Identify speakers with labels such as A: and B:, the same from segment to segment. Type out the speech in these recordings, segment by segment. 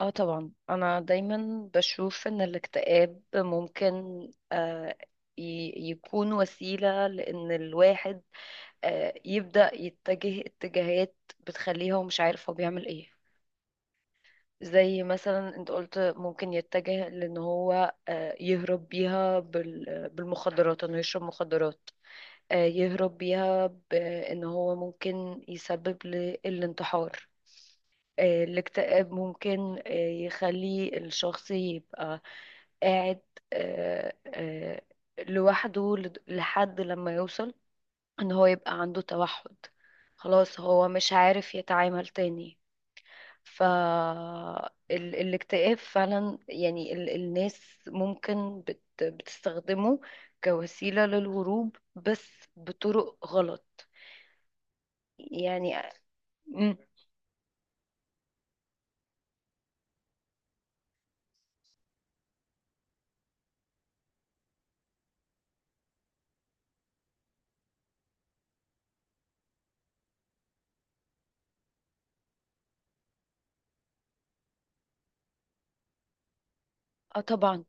A: اه طبعا انا دايما بشوف ان الاكتئاب ممكن آه، يكون وسيلة لان الواحد يبدأ يتجه اتجاهات بتخليه هو مش عارف هو بيعمل ايه. زي مثلا انت قلت ممكن يتجه لان هو يهرب بيها بالمخدرات، انه يشرب مخدرات. يهرب بيها بان هو ممكن يسبب للانتحار. الاكتئاب ممكن يخلي الشخص يبقى قاعد آه، آه، لوحده لحد لما يوصل ان هو يبقى عنده توحد. خلاص هو مش عارف يتعامل تاني. ف الاكتئاب فعلا يعني الناس ممكن بتستخدمه كوسيلة للهروب، بس بطرق غلط. يعني آه، م، اه طبعا،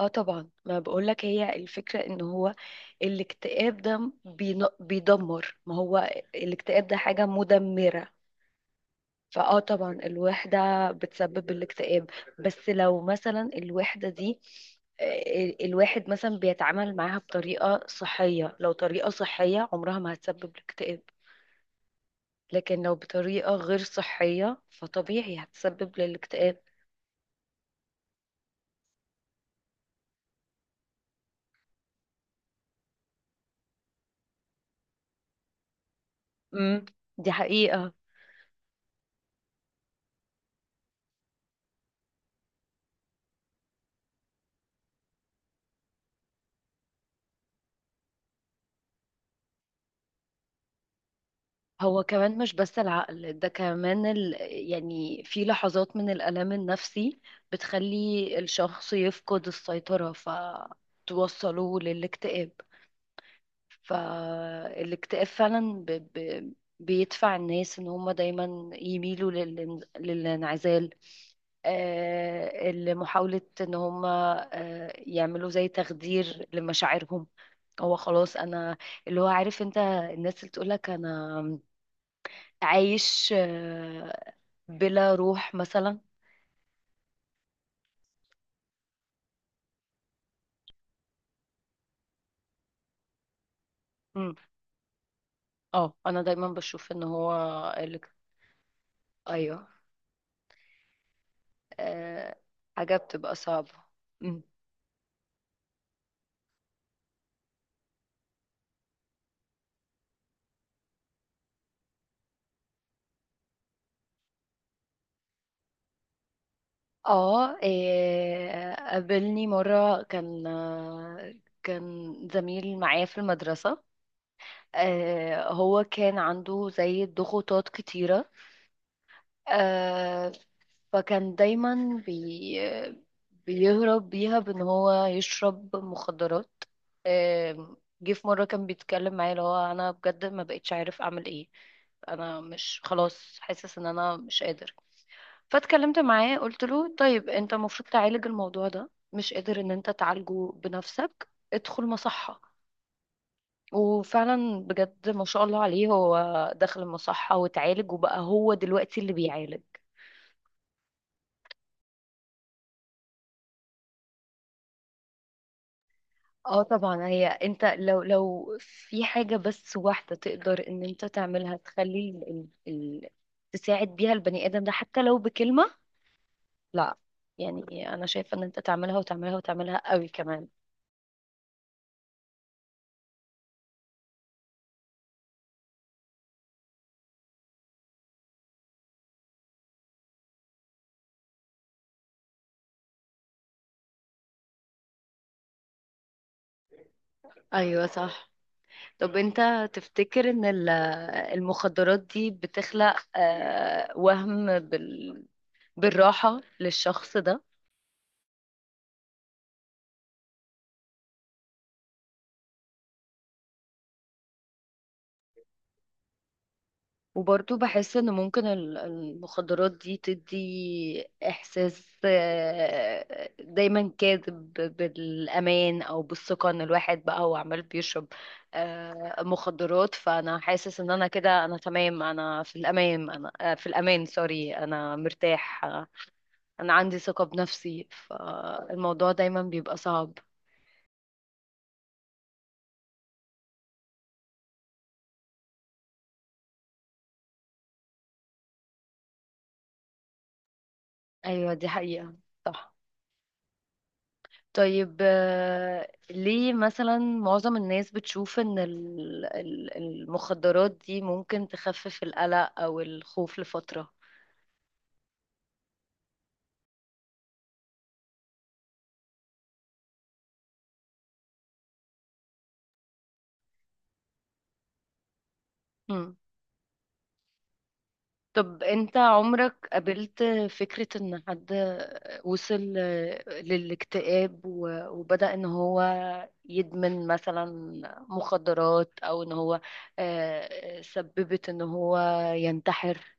A: اه طبعا، ما بقولك هي الفكرة ان هو الاكتئاب ده بيدمر. ما هو الاكتئاب ده حاجة مدمرة. فاه طبعا الوحدة بتسبب الاكتئاب. بس لو مثلا الوحدة دي الواحد مثلا بيتعامل معاها بطريقة صحية، لو طريقة صحية عمرها ما هتسبب الاكتئاب. لكن لو بطريقة غير صحية فطبيعي هتسبب للاكتئاب. امم. دي حقيقة. هو كمان مش بس العقل، ده كمان يعني في لحظات من الألم النفسي بتخلي الشخص يفقد السيطرة فتوصله للاكتئاب. فالاكتئاب فعلا بيدفع الناس ان هم دايما يميلوا للانعزال، لمحاولة ان هم يعملوا زي تخدير لمشاعرهم. هو خلاص انا، اللي هو عارف انت الناس اللي تقولك انا عايش بلا روح مثلا. امم. اه، انا دايما بشوف ان هو اللي ايوه. آه، حاجه بتبقى صعبه. امم. اه، قابلني مره كان كان زميل معايا في المدرسه. هو كان عنده زي ضغوطات كتيره. آه فكان دايما بيهرب بيها بان هو يشرب مخدرات. آه جه في مرة كان بيتكلم معايا، اللي هو انا بجد ما بقتش عارف اعمل ايه. انا مش، خلاص حاسس ان انا مش قادر. فاتكلمت معاه قلت له طيب انت المفروض تعالج الموضوع ده، مش قادر ان انت تعالجه بنفسك، ادخل مصحة. وفعلا بجد ما شاء الله عليه، هو دخل المصحة وتعالج وبقى هو دلوقتي اللي بيعالج. اه طبعا، هي انت لو في حاجة بس واحدة تقدر ان انت تعملها، تخلي تساعد بيها البني ادم ده، حتى لو بكلمة. لا، يعني انا شايفة ان انت تعملها وتعملها وتعملها قوي كمان. ايوه، صح. طب انت تفتكر ان المخدرات دي بتخلق وهم بالراحة للشخص ده؟ وبرضه بحس ان ممكن المخدرات دي تدي احساس دايما كاذب بالامان او بالثقه، ان الواحد بقى هو عمال بيشرب مخدرات، فانا حاسس ان انا كده انا تمام، انا في الامان، انا في الامان، سوري، انا مرتاح. انا عندي ثقه بنفسي. فالموضوع دايما بيبقى صعب. ايوه، دي حقيقه، صح. طيب، ليه مثلا معظم الناس بتشوف ان المخدرات دي ممكن تخفف القلق او الخوف لفترة؟ مم. طب انت عمرك قابلت فكرة ان حد وصل للاكتئاب و- وبدأ ان هو يدمن مثلا مخدرات، او ان هو سببت ان هو ينتحر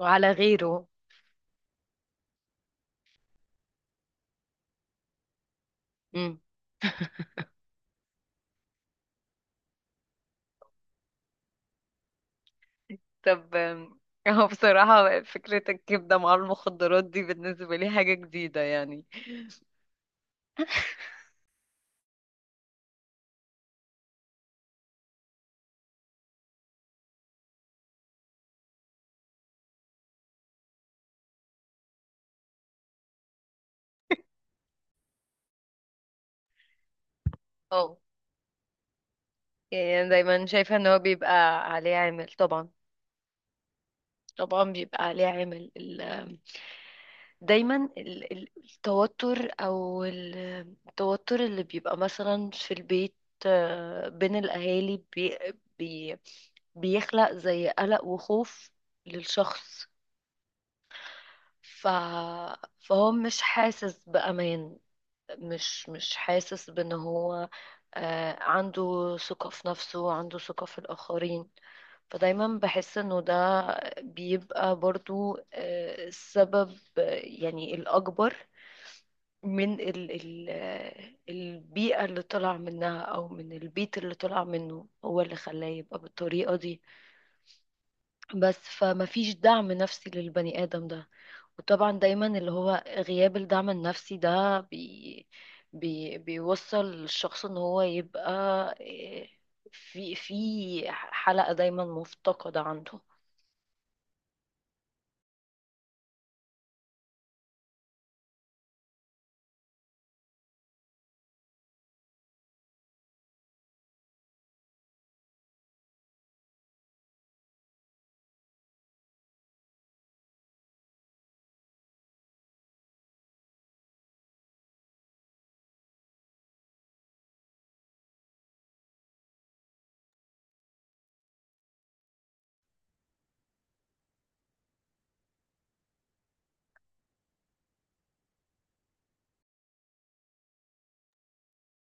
A: على غيره؟ طب هو بصراحة فكرة الكبدة مع المخدرات دي بالنسبة لي حاجة جديدة، يعني. اه، يعني أنا دايما شايفة ان هو بيبقى عليه عامل، طبعا. طبعا بيبقى عليه عامل ال- آم، دايما التوتر، او التوتر اللي بيبقى مثلا في البيت بين الاهالي، بي بي بيخلق زي قلق وخوف للشخص. ف... فهو مش حاسس بأمان، مش حاسس بان هو عنده ثقة في نفسه، عنده ثقة في الآخرين. فدايما بحس انه ده بيبقى برضو السبب، يعني الأكبر، من ال ال آه، البيئة اللي طلع منها، أو من البيت اللي طلع منه، هو اللي خلاه يبقى بالطريقة دي. بس فمفيش دعم نفسي للبني آدم ده. وطبعا دايما اللي هو غياب الدعم النفسي ده بي بي بيوصل الشخص ان هو يبقى إيه، في حلقة دايما مفتقدة عنده.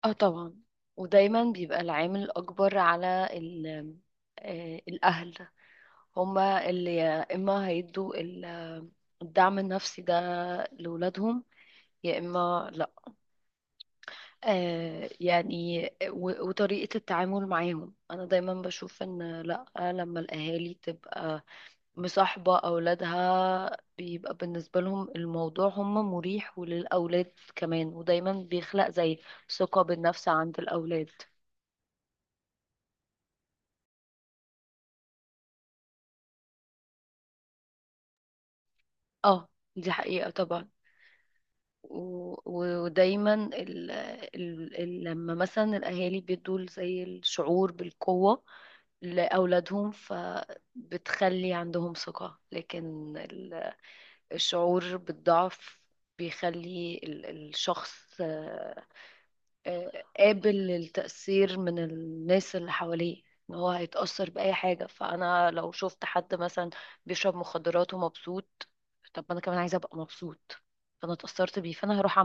A: اه طبعا. ودايما بيبقى العامل الأكبر على الأهل، هما اللي يا إما هيدوا الدعم النفسي ده لولادهم، يا إما لأ. يعني و- وطريقة التعامل معاهم، أنا دايما بشوف إن لأ، لما الأهالي تبقى مصاحبة أولادها، بيبقى بالنسبة لهم الموضوع هم مريح، وللأولاد كمان، ودايما بيخلق زي ثقة بالنفس عند الأولاد. اه، دي حقيقة طبعا. و- و- ودايما ال ال ال لما مثلا الأهالي بيدوا زي الشعور بالقوة لأولادهم، بتخلي عندهم ثقة. لكن الشعور بالضعف بيخلي الشخص قابل للتأثير من الناس اللي حواليه، ان هو هيتأثر بأي حاجة. فأنا لو شفت حد مثلا بيشرب مخدرات ومبسوط، طب ما أنا كمان عايزة أبقى مبسوط، فأنا اتأثرت بيه، فأنا هروح.